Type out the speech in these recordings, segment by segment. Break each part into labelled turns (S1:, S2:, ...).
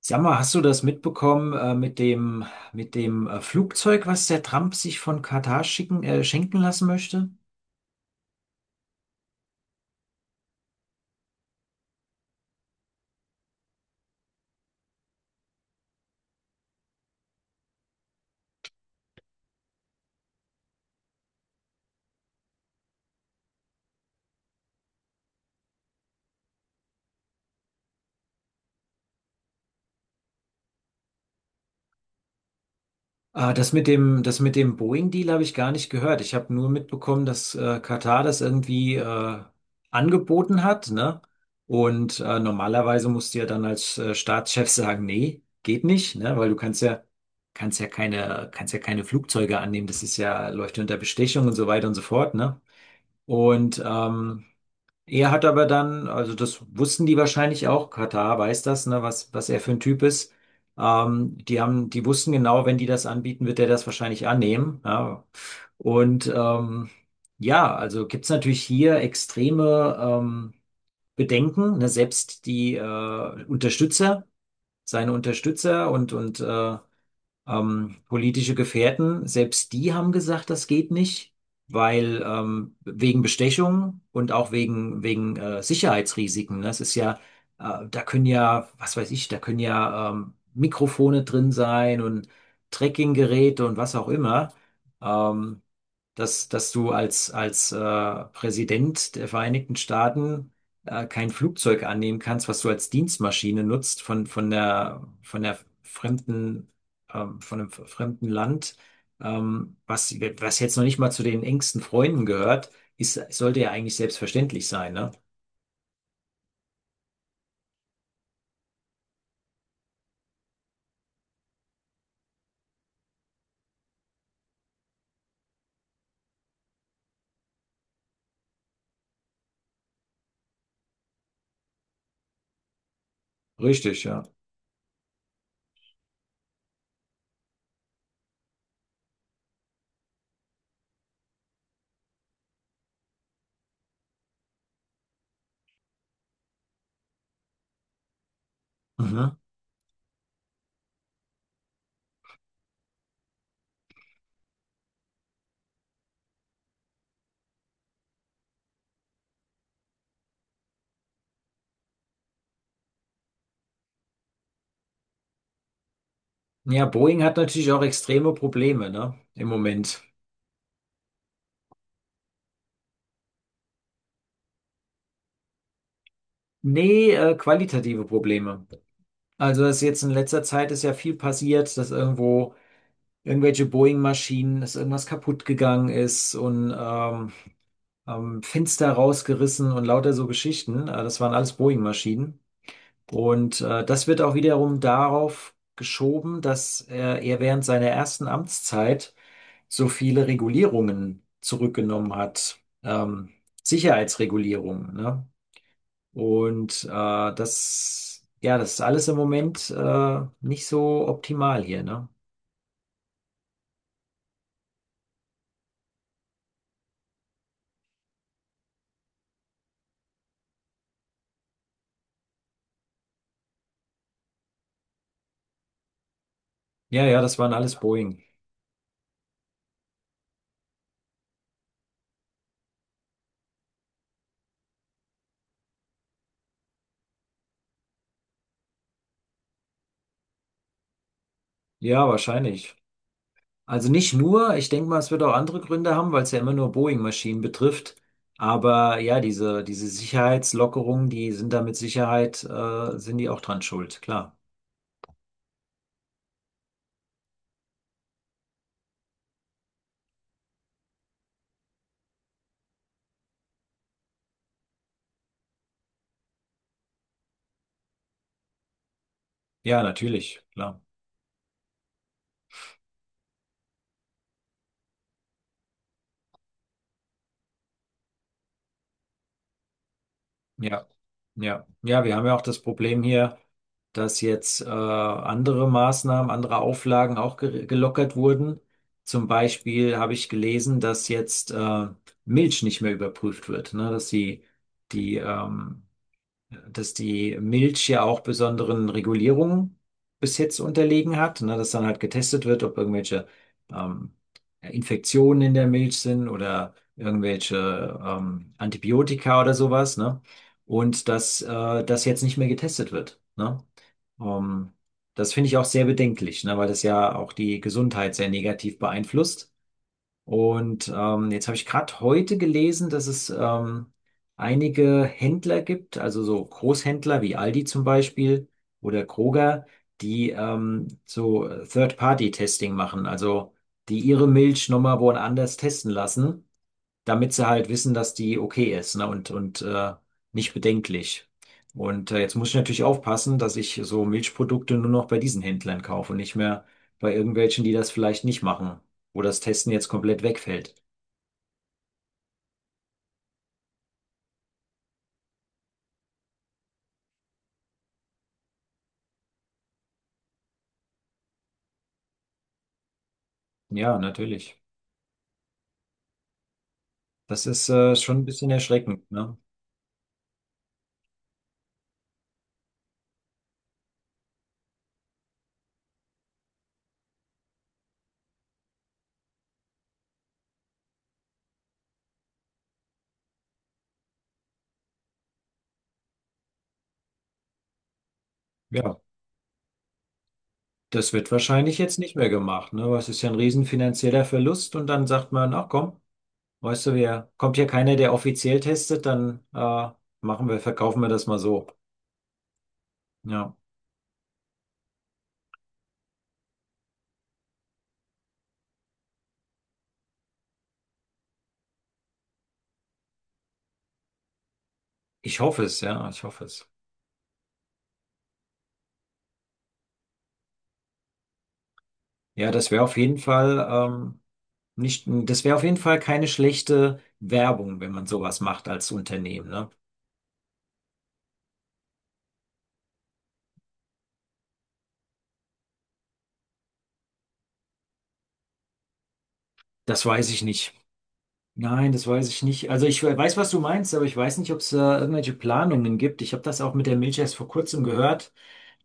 S1: Sag mal, hast du das mitbekommen mit dem Flugzeug, was der Trump sich von Katar schicken, schenken lassen möchte? Das mit dem, das mit dem Boeing-Deal habe ich gar nicht gehört. Ich habe nur mitbekommen, dass Katar das irgendwie angeboten hat, ne? Und normalerweise musst du ja dann als Staatschef sagen, nee, geht nicht, ne? Weil du kannst ja keine Flugzeuge annehmen. Das ist ja, läuft ja unter Bestechung und so weiter und so fort, ne? Und ähm, Er hat aber dann, also das wussten die wahrscheinlich auch, Katar weiß das, ne, was, was er für ein Typ ist. Die haben, die wussten genau, wenn die das anbieten, wird er das wahrscheinlich annehmen. Ja. Und ähm, ja, also gibt's natürlich hier extreme Bedenken, ne, selbst die Unterstützer, seine Unterstützer und politische Gefährten, selbst die haben gesagt, das geht nicht, weil wegen Bestechung und auch wegen, wegen Sicherheitsrisiken, ne? Das ist ja, da können ja, was weiß ich, da können ja Mikrofone drin sein und Trackinggeräte und was auch immer. Ähm, Dass, dass du als, als Präsident der Vereinigten Staaten kein Flugzeug annehmen kannst, was du als Dienstmaschine nutzt von der fremden von einem fremden Land, was, was jetzt noch nicht mal zu den engsten Freunden gehört, ist, sollte ja eigentlich selbstverständlich sein, ne? Richtig, ja. Mhm. Ja, Boeing hat natürlich auch extreme Probleme, ne? Im Moment. Nee, qualitative Probleme. Also das ist jetzt in letzter Zeit ist ja viel passiert, dass irgendwo irgendwelche Boeing-Maschinen, dass irgendwas kaputt gegangen ist und Fenster rausgerissen und lauter so Geschichten. Das waren alles Boeing-Maschinen. Und das wird auch wiederum darauf geschoben, dass er während seiner ersten Amtszeit so viele Regulierungen zurückgenommen hat, Sicherheitsregulierungen, ne? Und äh, Das, ja, das ist alles im Moment nicht so optimal hier, ne? Ja, ja, das waren alles Boeing. Ja, wahrscheinlich. Also nicht nur, ich denke mal, es wird auch andere Gründe haben, weil es ja immer nur Boeing-Maschinen betrifft. Aber ja, diese, diese Sicherheitslockerungen, die sind da mit Sicherheit, sind die auch dran schuld, klar. Ja, natürlich, klar. Ja, ja, ja, wir haben ja auch das Problem hier, dass jetzt, andere Maßnahmen, andere Auflagen auch ge gelockert wurden. Zum Beispiel habe ich gelesen, dass jetzt, Milch nicht mehr überprüft wird, ne, dass die, die, dass die Milch ja auch besonderen Regulierungen bis jetzt unterlegen hat, ne, dass dann halt getestet wird, ob irgendwelche ähm, Infektionen in der Milch sind oder irgendwelche Antibiotika oder sowas, ne? Und dass das jetzt nicht mehr getestet wird, ne? Ähm, Das finde ich auch sehr bedenklich, ne, weil das ja auch die Gesundheit sehr negativ beeinflusst. Und jetzt habe ich gerade heute gelesen, dass es einige Händler gibt, also so Großhändler wie Aldi zum Beispiel oder Kroger, die so Third-Party-Testing machen, also die ihre Milch nochmal woanders testen lassen, damit sie halt wissen, dass die okay ist, ne? Und nicht bedenklich. Und jetzt muss ich natürlich aufpassen, dass ich so Milchprodukte nur noch bei diesen Händlern kaufe und nicht mehr bei irgendwelchen, die das vielleicht nicht machen, wo das Testen jetzt komplett wegfällt. Ja, natürlich. Das ist schon ein bisschen erschreckend, ne? Ja, das wird wahrscheinlich jetzt nicht mehr gemacht, ne? Weil es ist ja ein riesen finanzieller Verlust und dann sagt man, ach komm, weißt du, wir, kommt ja keiner, der offiziell testet, dann machen wir, verkaufen wir das mal so. Ja. Ich hoffe es, ja, ich hoffe es. Ja, das wäre auf jeden Fall nicht, das wäre auf jeden Fall keine schlechte Werbung, wenn man sowas macht als Unternehmen, ne? Das weiß ich nicht. Nein, das weiß ich nicht. Also ich weiß, was du meinst, aber ich weiß nicht, ob es da irgendwelche Planungen gibt. Ich habe das auch mit der Milch erst vor kurzem gehört.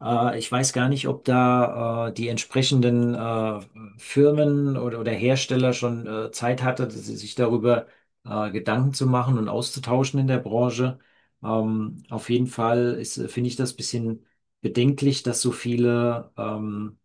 S1: Ich weiß gar nicht, ob da die entsprechenden Firmen oder Hersteller schon Zeit hatte, dass sie sich darüber Gedanken zu machen und auszutauschen in der Branche. Auf jeden Fall ist, finde ich das bisschen bedenklich, dass so viele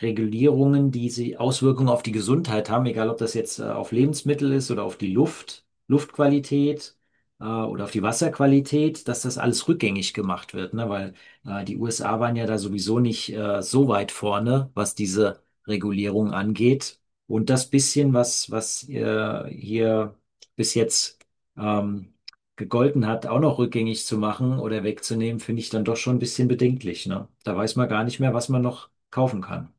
S1: Regulierungen, die sie Auswirkungen auf die Gesundheit haben, egal ob das jetzt auf Lebensmittel ist oder auf die Luft, Luftqualität oder auf die Wasserqualität, dass das alles rückgängig gemacht wird, ne? Weil die USA waren ja da sowieso nicht so weit vorne, was diese Regulierung angeht. Und das bisschen, was, was hier bis jetzt ähm, gegolten hat, auch noch rückgängig zu machen oder wegzunehmen, finde ich dann doch schon ein bisschen bedenklich, ne? Da weiß man gar nicht mehr, was man noch kaufen kann.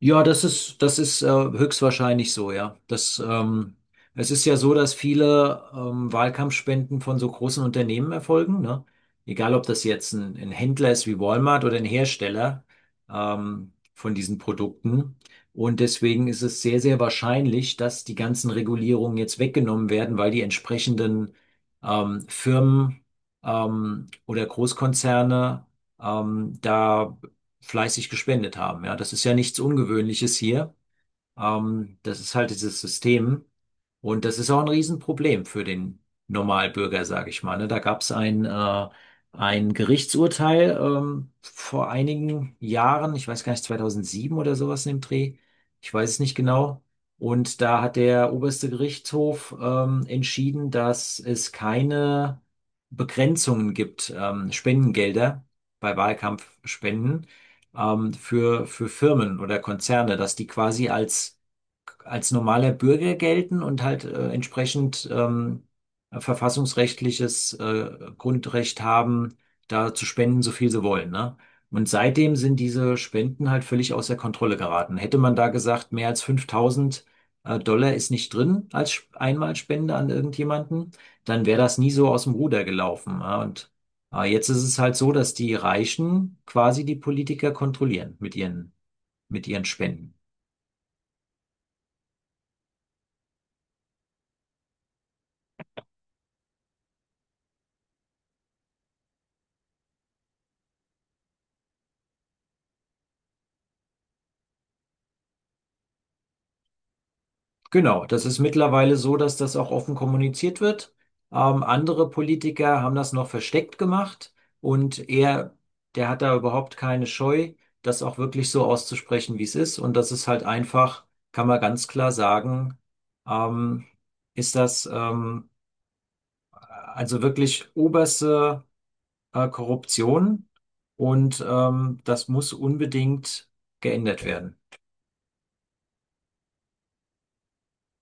S1: Ja, das ist höchstwahrscheinlich so, ja. Es ist ja so, dass viele Wahlkampfspenden von so großen Unternehmen erfolgen, ne? Egal, ob das jetzt ein Händler ist wie Walmart oder ein Hersteller von diesen Produkten. Und deswegen ist es sehr, sehr wahrscheinlich, dass die ganzen Regulierungen jetzt weggenommen werden, weil die entsprechenden Firmen oder Großkonzerne da fleißig gespendet haben. Ja, das ist ja nichts Ungewöhnliches hier. Das ist halt dieses System. Und das ist auch ein Riesenproblem für den Normalbürger, sage ich mal. Ne? Da gab es ein Gerichtsurteil vor einigen Jahren, ich weiß gar nicht, 2007 oder sowas in dem Dreh, ich weiß es nicht genau. Und da hat der oberste Gerichtshof entschieden, dass es keine Begrenzungen gibt, Spendengelder bei Wahlkampfspenden für Firmen oder Konzerne, dass die quasi als als normaler Bürger gelten und halt entsprechend verfassungsrechtliches Grundrecht haben, da zu spenden, so viel sie wollen, ne? Und seitdem sind diese Spenden halt völlig außer Kontrolle geraten. Hätte man da gesagt, mehr als 5.000 Dollar ist nicht drin als Einmalspende an irgendjemanden, dann wäre das nie so aus dem Ruder gelaufen, ja. Und jetzt ist es halt so, dass die Reichen quasi die Politiker kontrollieren mit ihren Spenden. Genau, das ist mittlerweile so, dass das auch offen kommuniziert wird. Andere Politiker haben das noch versteckt gemacht und er, der hat da überhaupt keine Scheu, das auch wirklich so auszusprechen, wie es ist. Und das ist halt einfach, kann man ganz klar sagen, ähm, ist das also wirklich oberste Korruption und das muss unbedingt geändert werden.